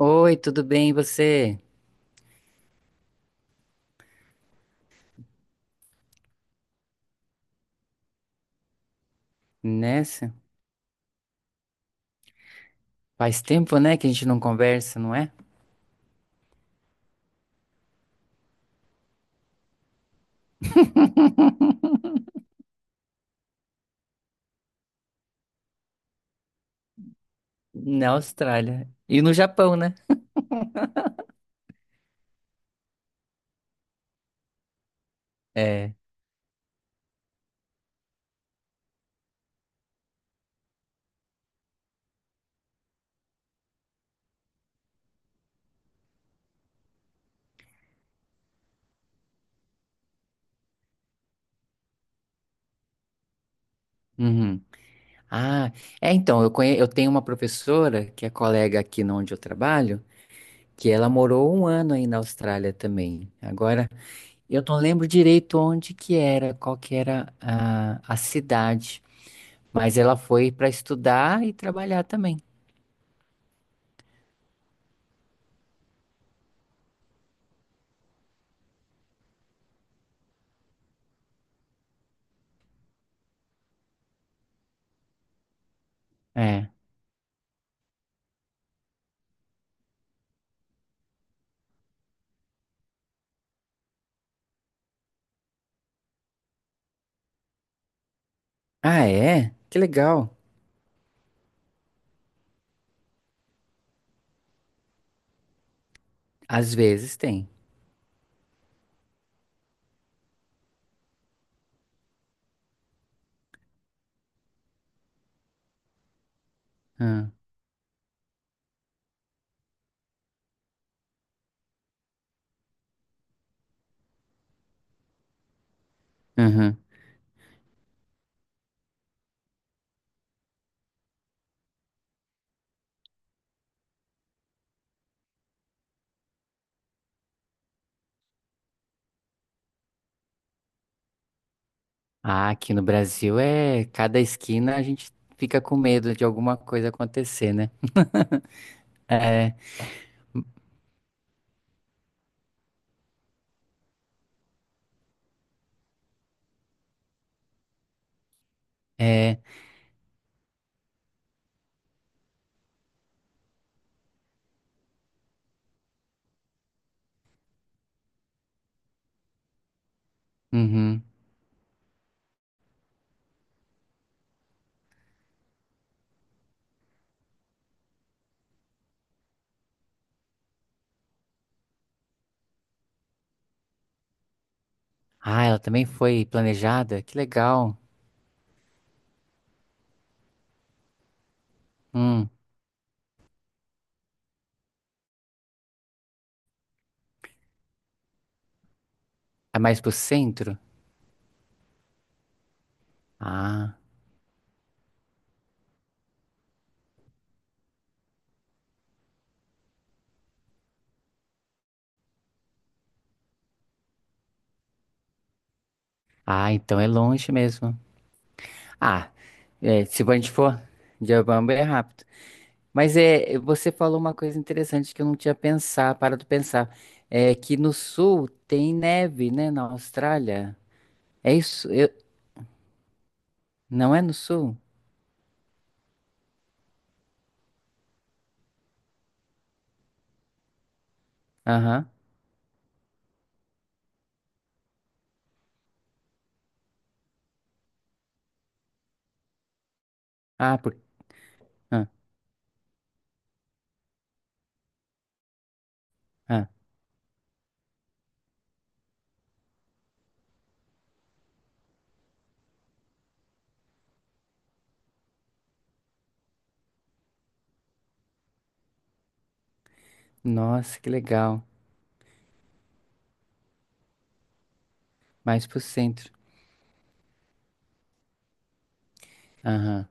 Oi, tudo bem, e você? Nessa? Faz tempo, né, que a gente não conversa, não é? Na Austrália. E no Japão, né? É. Uhum. Ah, é, então, eu tenho uma professora que é colega aqui no onde eu trabalho, que ela morou um ano aí na Austrália também. Agora, eu não lembro direito onde que era, qual que era a cidade, mas ela foi para estudar e trabalhar também. É. Ah, é? Que legal. Às vezes tem. Ah, uhum. Ah, aqui no Brasil é cada esquina a gente fica com medo de alguma coisa acontecer, né? É, é, uhum. Ah, ela também foi planejada? Que legal. Hum, é mais pro centro? Ah, ah, então é longe mesmo. Ah, é, se a gente for de Ubamba é rápido. Mas é, você falou uma coisa interessante que eu não tinha pensado, parado de pensar. É que no sul tem neve, né? Na Austrália. É isso? Não é no sul? Aham. Ah, por. Ah. Ah, nossa, que legal. Mais pro centro. Aham.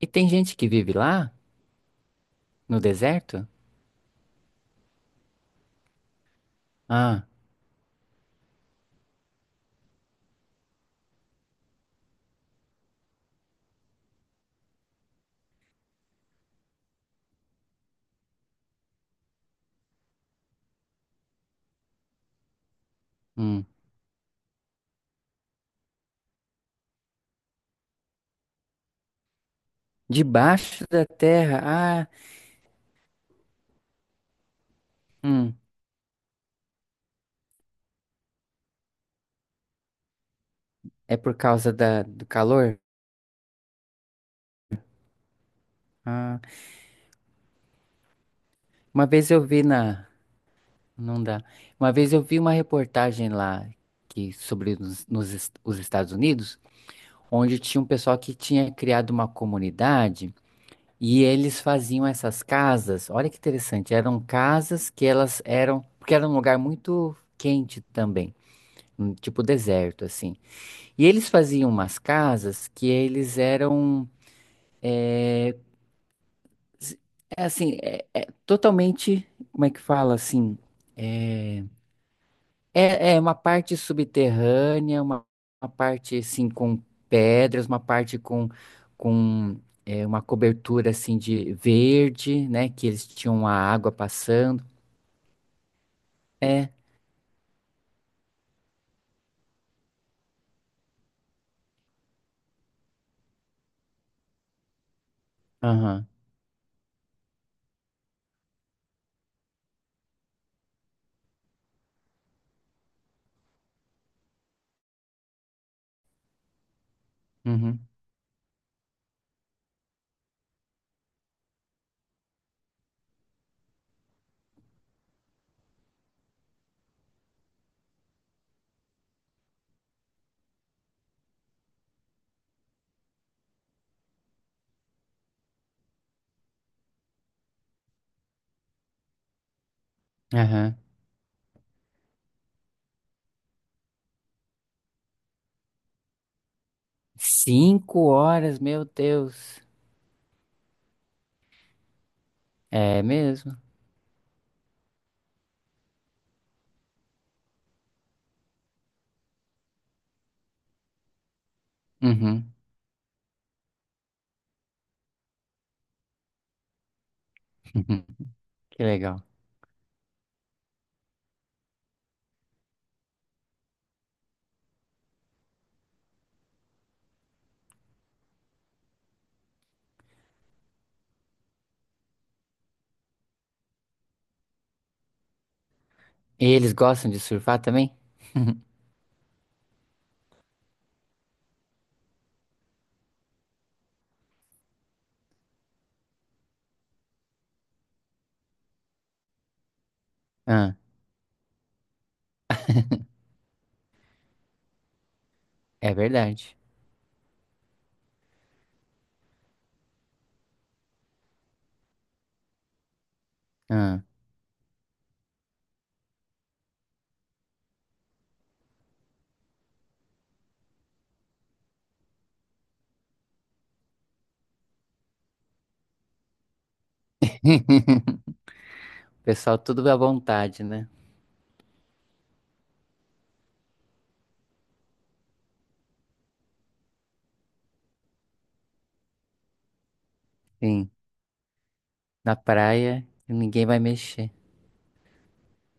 E tem gente que vive lá, no deserto? Ah, hum. Debaixo da terra? Ah, hum. É por causa do calor? Ah, uma vez eu vi na. Não dá. Uma vez eu vi uma reportagem lá que, sobre os Estados Unidos, onde tinha um pessoal que tinha criado uma comunidade. E eles faziam essas casas, olha que interessante, eram casas que elas eram, porque era um lugar muito quente também, um tipo deserto assim. E eles faziam umas casas que eles eram s- é assim, é, é totalmente, como é que fala assim, é, é uma parte subterrânea, uma parte assim com pedras, uma parte com é, uma cobertura assim de verde, né, que eles tinham a água passando. É, aham, uhum, aham. 5 horas, meu Deus. É mesmo? Uhum. Que legal. E eles gostam de surfar também? Ah, é verdade. Ah, pessoal, tudo à vontade, né? Sim, na praia, ninguém vai mexer.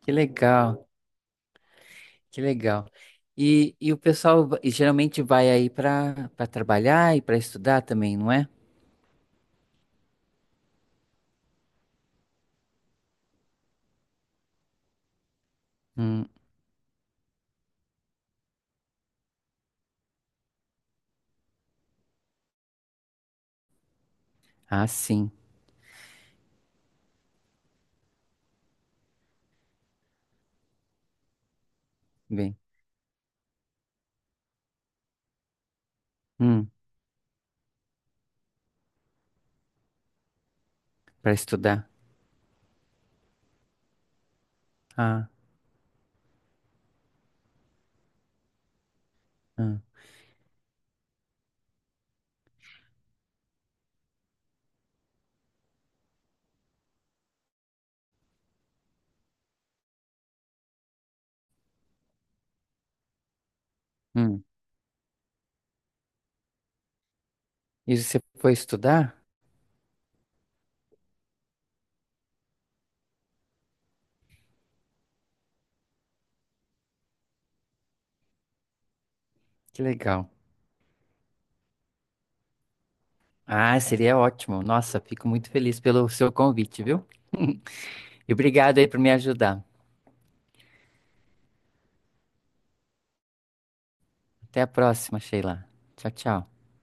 Que legal, que legal. E o pessoal e geralmente vai aí para trabalhar e para estudar também, não é? Hum, ah, sim, bem. Hum, para estudar. Ah, ah, hum. E você foi estudar? Que legal. Ah, seria ótimo. Nossa, fico muito feliz pelo seu convite, viu? E obrigado aí por me ajudar. Até a próxima, Sheila. Tchau, tchau.